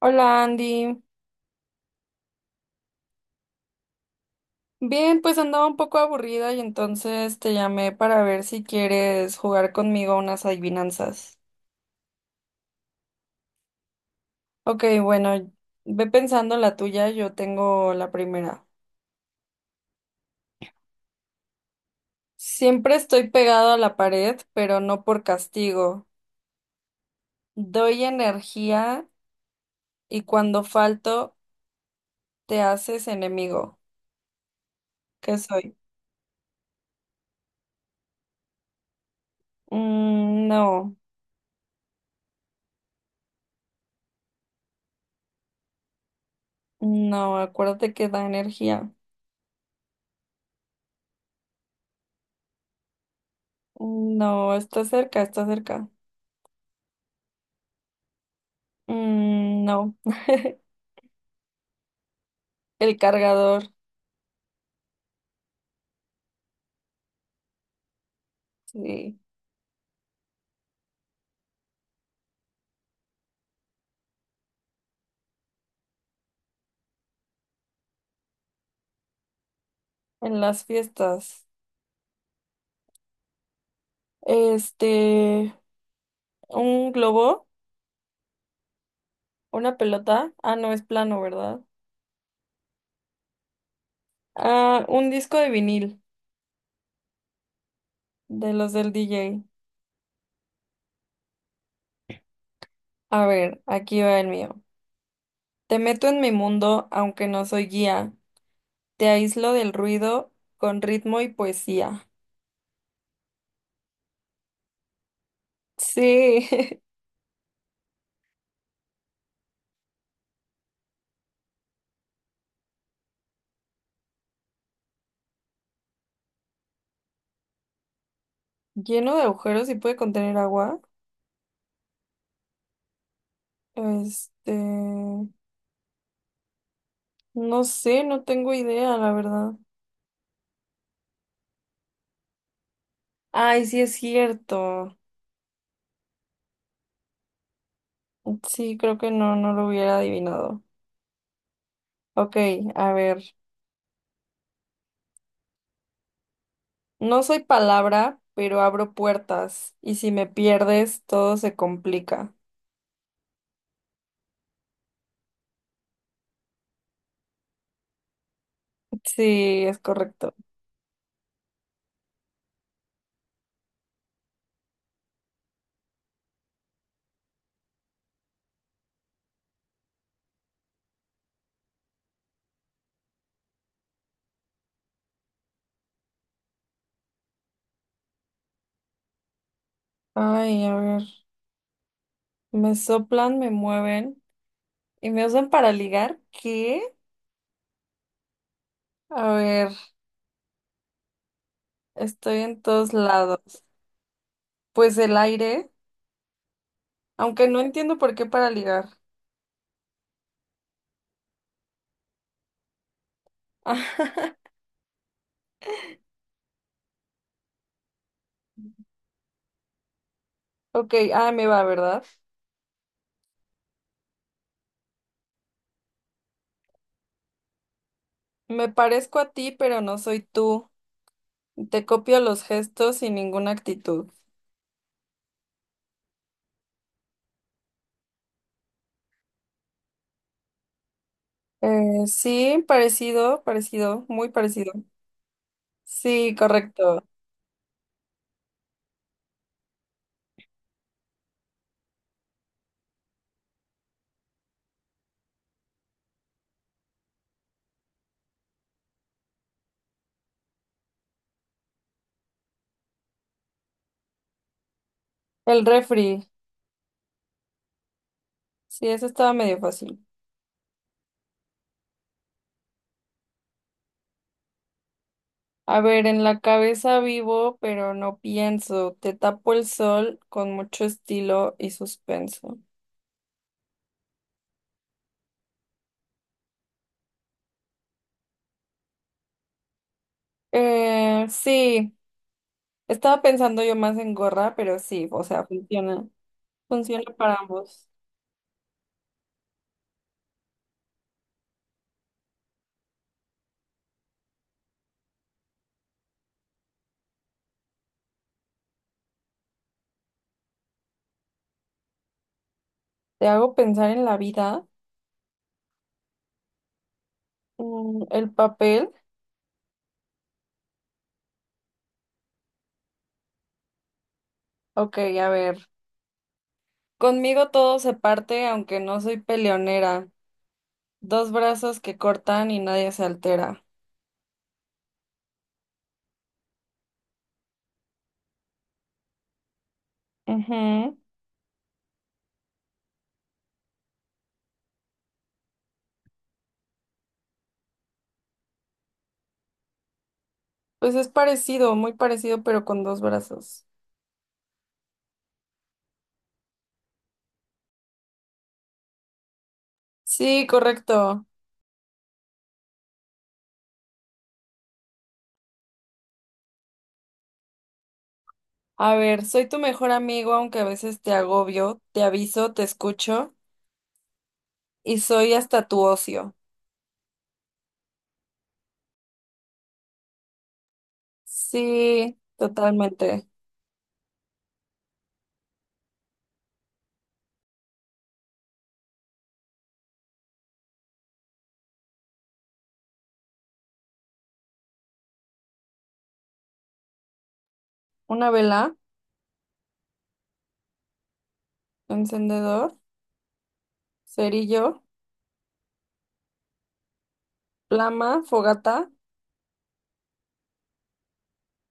Hola, Andy. Bien, pues andaba un poco aburrida y entonces te llamé para ver si quieres jugar conmigo unas adivinanzas. Ok, bueno, ve pensando la tuya, yo tengo la primera. Siempre estoy pegado a la pared, pero no por castigo. Doy energía y cuando falto te haces enemigo. ¿Qué soy? Mm, no, no, acuérdate que da energía. Mm, no, está cerca, está cerca. Mm, no. El cargador, sí, en las fiestas. Este, un globo, una pelota. Ah, no, es plano, ¿verdad? Ah, un disco de vinil, de los del DJ. A ver, aquí va el mío. Te meto en mi mundo, aunque no soy guía. Te aíslo del ruido con ritmo y poesía. Sí. Lleno de agujeros y puede contener agua. Este, no sé, no tengo idea, la verdad. Ay, sí es cierto. Sí, creo que no, no lo hubiera adivinado. Ok, a ver. No soy palabra, pero abro puertas. Y si me pierdes, todo se complica. Sí, es correcto. Ay, a ver. Me soplan, me mueven y me usan para ligar. ¿Qué? A ver, estoy en todos lados. Pues el aire, aunque no entiendo por qué para ligar. Ok, ah, me va, ¿verdad? Me parezco a ti, pero no soy tú. Te copio los gestos sin ninguna actitud. Sí, parecido, parecido, muy parecido. Sí, correcto. El refri. Sí, eso estaba medio fácil. A ver, en la cabeza vivo, pero no pienso. Te tapo el sol con mucho estilo y suspenso. Sí, estaba pensando yo más en gorra, pero sí, o sea, funciona. Funciona para ambos. Te hago pensar en la vida. Mm, el papel. Ok, a ver. Conmigo todo se parte, aunque no soy peleonera. Dos brazos que cortan y nadie se altera. Ujú. Pues es parecido, muy parecido, pero con dos brazos. Sí, correcto. A ver, soy tu mejor amigo, aunque a veces te agobio, te aviso, te escucho y soy hasta tu ocio. Sí, totalmente. Una vela, encendedor, cerillo, plama, fogata.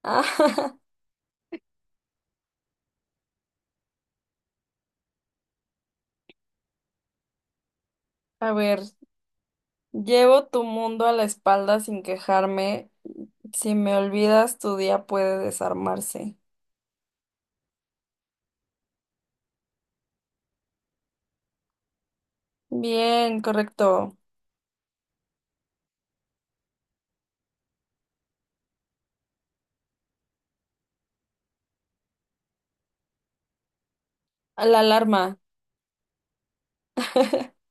Ah. A ver, llevo tu mundo a la espalda sin quejarme. Si me olvidas, tu día puede desarmarse. Bien, correcto. A la alarma.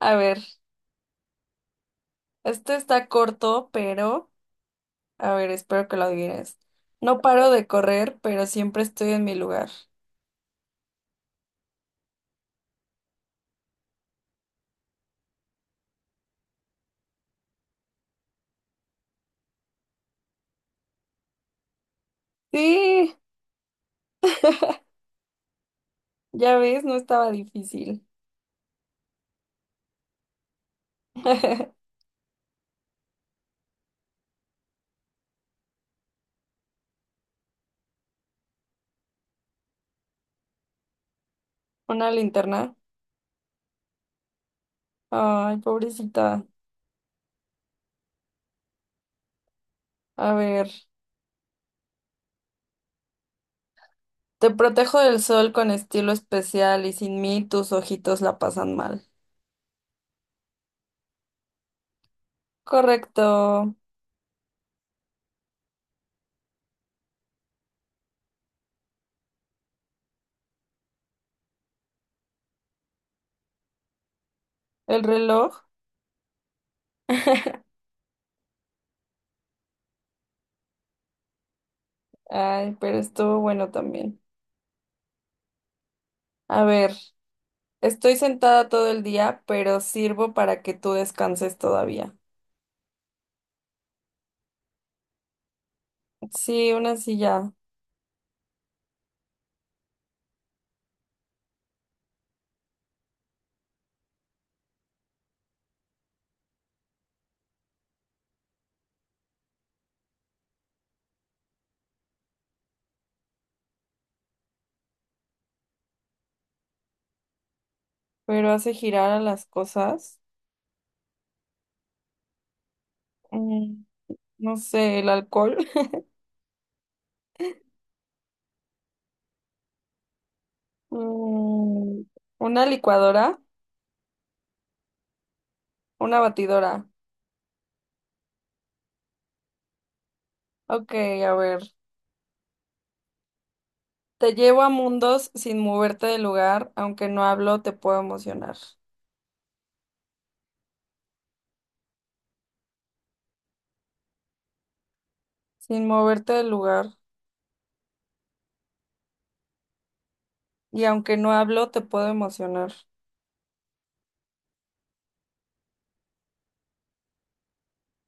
A ver, este está corto, pero a ver, espero que lo adivines. No paro de correr, pero siempre estoy en mi lugar. Sí, ya ves, no estaba difícil. Una linterna. Ay, pobrecita. A ver, te protejo del sol con estilo especial y sin mí tus ojitos la pasan mal. Correcto. El reloj. Ay, pero estuvo bueno también. A ver. Estoy sentada todo el día, pero sirvo para que tú descanses todavía. Sí, una silla, pero hace girar a las cosas. Mm, no sé, el alcohol. Mm, una licuadora, una batidora. Ok, a ver. Te llevo a mundos sin moverte del lugar, aunque no hablo, te puedo emocionar. Sin moverte del lugar, y aunque no hablo, te puedo emocionar.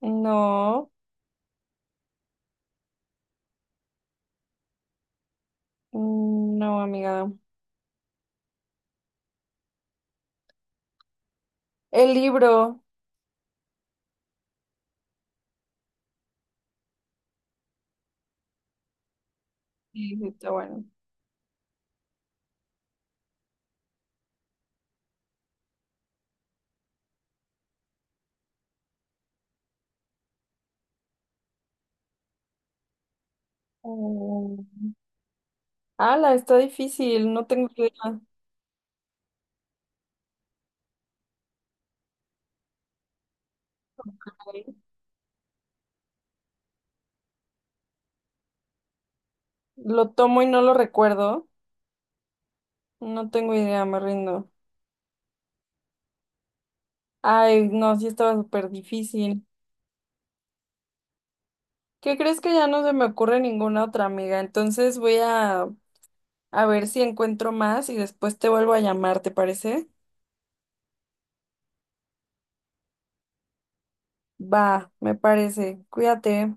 No, mm, no, amiga. El libro. Sí, sí, está bueno. Mm. Ala, está difícil, no tengo idea. Lo tomo y no lo recuerdo. No tengo idea, me rindo. Ay, no, sí estaba súper difícil. ¿Qué crees que ya no se me ocurre ninguna otra amiga? Entonces voy a ver si encuentro más y después te vuelvo a llamar, ¿te parece? Va, me parece. Cuídate.